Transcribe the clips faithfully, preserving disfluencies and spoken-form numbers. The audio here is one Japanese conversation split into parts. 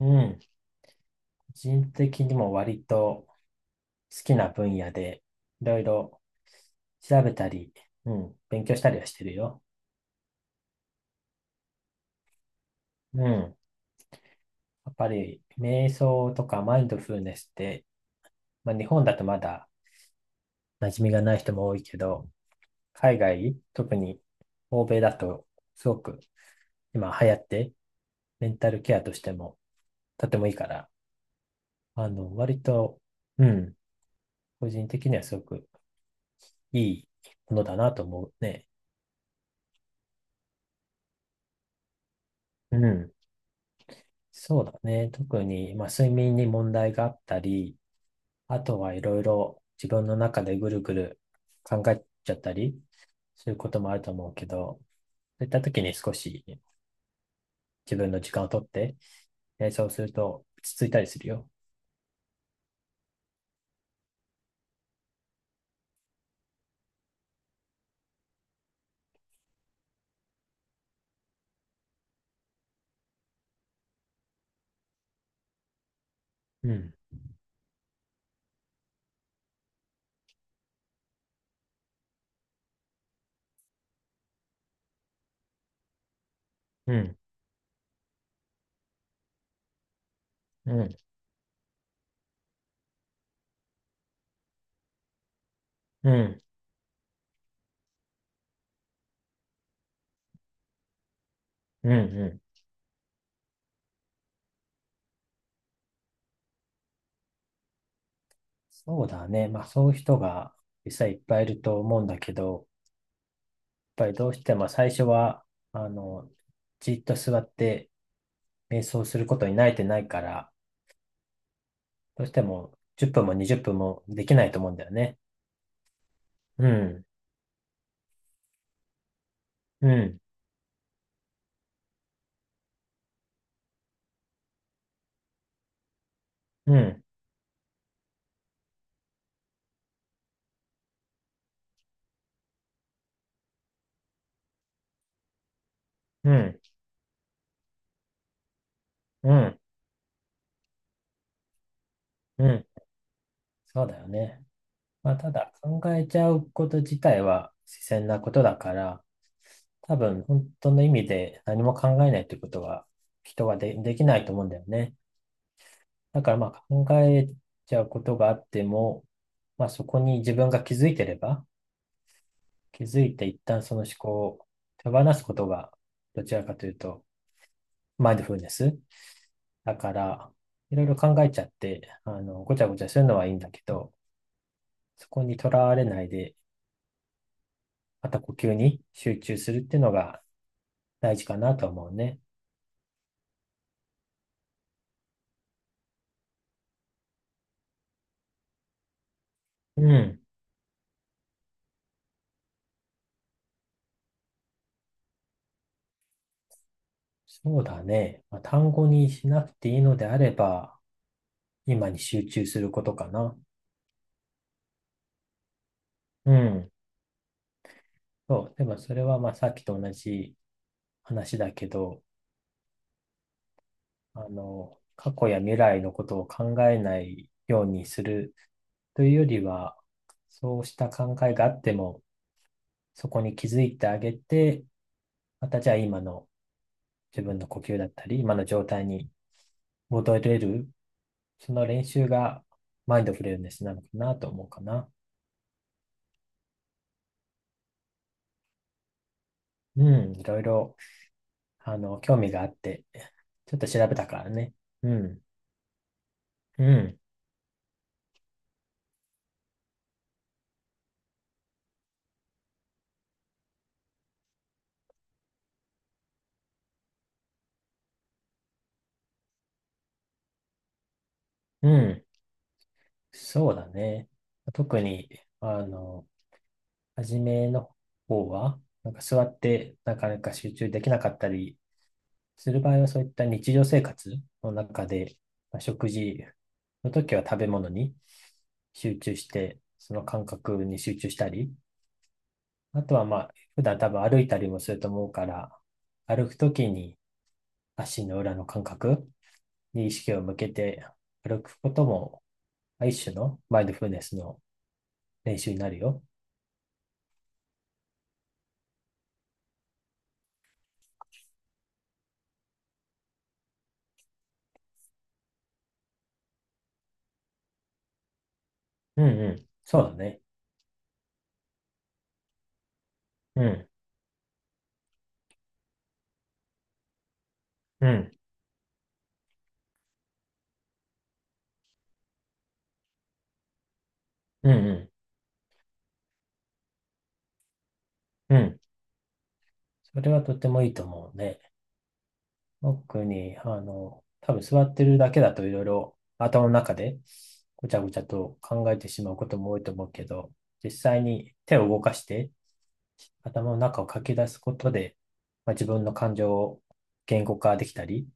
うん。個人的にも割と好きな分野で、いろいろ調べたり、うん、勉強したりはしてるよ。うん。やっぱり、瞑想とかマインドフルネスって、まあ、日本だとまだ馴染みがない人も多いけど、海外、特に欧米だと、すごく今流行って、メンタルケアとしてもとてもいいから、あの、割と、うん、個人的にはすごくいいものだなと思うね。うん。そうだね。特に、まあ、睡眠に問題があったり、あとはいろいろ自分の中でぐるぐる考えちゃったりすることもあると思うけど、そういった時に少し自分の時間をとって、えそうすると落ち着いたりするよ。うん、うん、うん、うん、うん、うん。そうだね。まあそういう人が実際いっぱいいると思うんだけど、やっぱりどうしても最初は、あの、じっと座って瞑想することに慣れてないから、どうしてもじゅっぷんもにじゅっぷんもできないと思うんだよね。うん、うん、うん、うん、うん、うん。そうだよね。まあ、ただ考えちゃうこと自体は自然なことだから、多分本当の意味で何も考えないってことは人はで、できないと思うんだよね。だからまあ考えちゃうことがあっても、まあそこに自分が気づいてれば、気づいて一旦その思考を手放すことが、どちらかというと、マインドフルネスだから、いろいろ考えちゃって、あの、ごちゃごちゃするのはいいんだけど、そこにとらわれないで、また呼吸に集中するっていうのが大事かなと思うね。うん。そうだね。まあ、単語にしなくていいのであれば、今に集中することかな。うん。そう。でもそれはまあさっきと同じ話だけど、あの、過去や未来のことを考えないようにするというよりは、そうした考えがあっても、そこに気づいてあげて、またじゃあ今の自分の呼吸だったり、今の状態に戻れる、その練習がマインドフルネスなのかなと思うかな。うん、いろいろ、あの、興味があって、ちょっと調べたからね。うん、うん、うん、そうだね。特に、あの、初めの方は、なんか座ってなかなか集中できなかったり、する場合はそういった日常生活の中で、まあ、食事の時は食べ物に集中して、その感覚に集中したり、あとはまあ、普段多分歩いたりもすると思うから、歩く時に足の裏の感覚に意識を向けて歩くことも、一種のマインドフルネスの練習になるよ。うんうん。そうだね。うん、うん、うん、うん、うん。それはとてもいいと思うね。特に、あの、多分座ってるだけだといろいろ頭の中でごちゃごちゃと考えてしまうことも多いと思うけど、実際に手を動かして頭の中を書き出すことで、まあ、自分の感情を言語化できたり、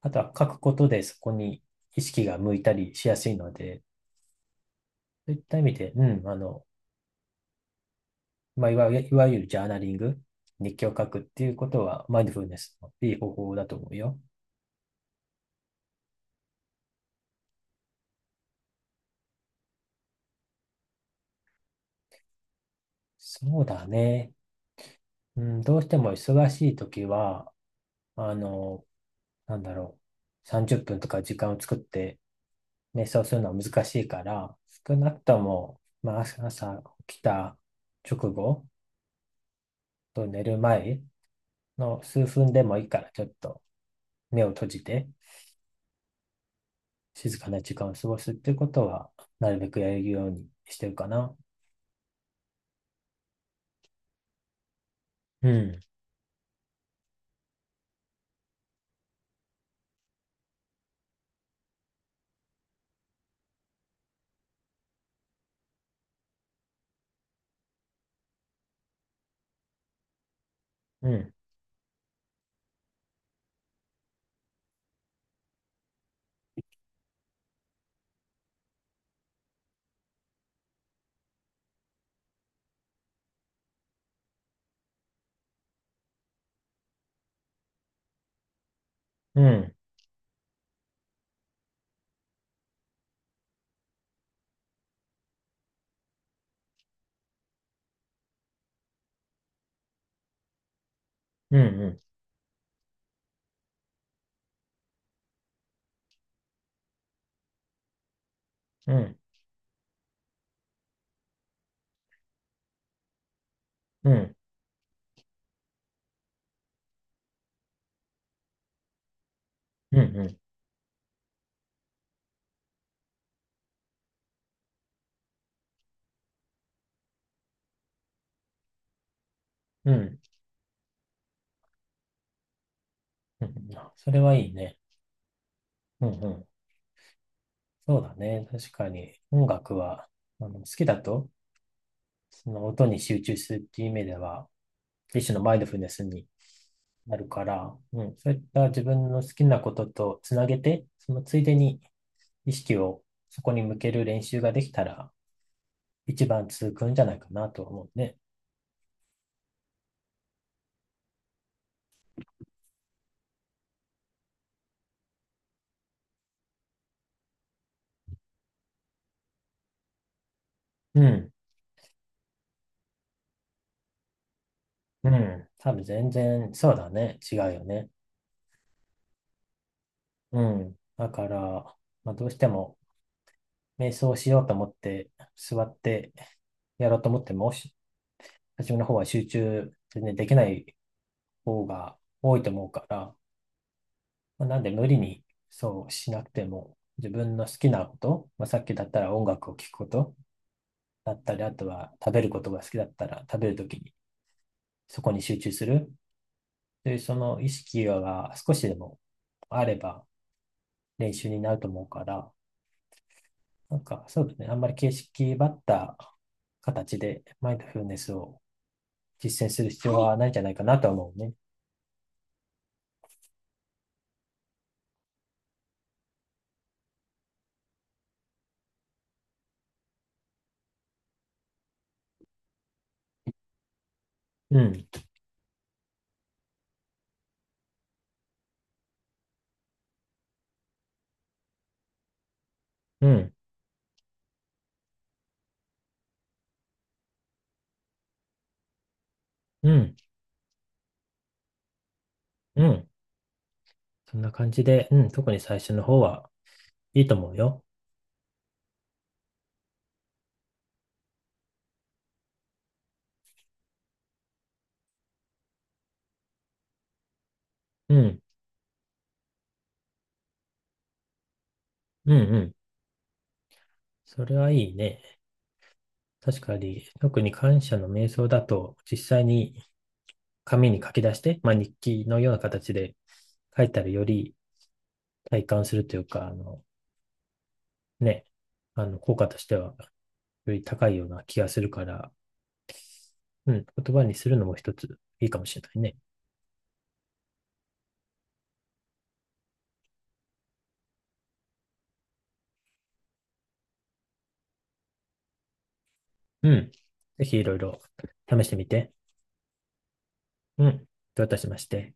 あとは書くことでそこに意識が向いたりしやすいので、そういった意味で、うん、あの、まあ、いわいわゆるジャーナリング、日記を書くっていうことはマインドフルネスのいい方法だと思うよ。そうだね。うん、どうしても忙しい時は、あの、なんだろう、さんじゅっぷんとか時間を作って瞑想するのは難しいから、少なくとも、まあ、朝朝起きた直後と寝る前の数分でもいいから、ちょっと目を閉じて静かな時間を過ごすっていうことは、なるべくやるようにしてるかな。うん、うん、うん、うん、うん、うん、うん、うん、うん、うん。うんそれはいいね。うん、うん。そうだね。確かに音楽は、あの、好きだと、その音に集中するっていう意味では、一種のマインドフルネスになるから、うん、そういった自分の好きなこととつなげて、そのついでに意識をそこに向ける練習ができたら、一番続くんじゃないかなと思うね。うん、うん。多分全然、そうだね。違うよね。うん。だから、まあ、どうしても、瞑想しようと思って、座ってやろうと思っても、初めの方は集中全然できない方が多いと思うから、まあ、なんで無理にそうしなくても、自分の好きなこと、まあ、さっきだったら音楽を聴くことだったり、あとは食べることが好きだったら食べるときにそこに集中するというその意識が少しでもあれば練習になると思うから、なんかそうですね、あんまり形式ばった形でマインドフルネスを実践する必要はないんじゃないかなとは思うね。うん、うん、うん、うん。そんな感じで、うん、特に最初の方はいいと思うよ。うん、うん、うん。それはいいね。確かに、特に感謝の瞑想だと、実際に紙に書き出して、まあ、日記のような形で書いたらより体感するというか、あの、ね、あの、効果としてはより高いような気がするから、うん、言葉にするのも一ついいかもしれないね。うん。ぜひいろいろ試してみて。うん。どういたしまして。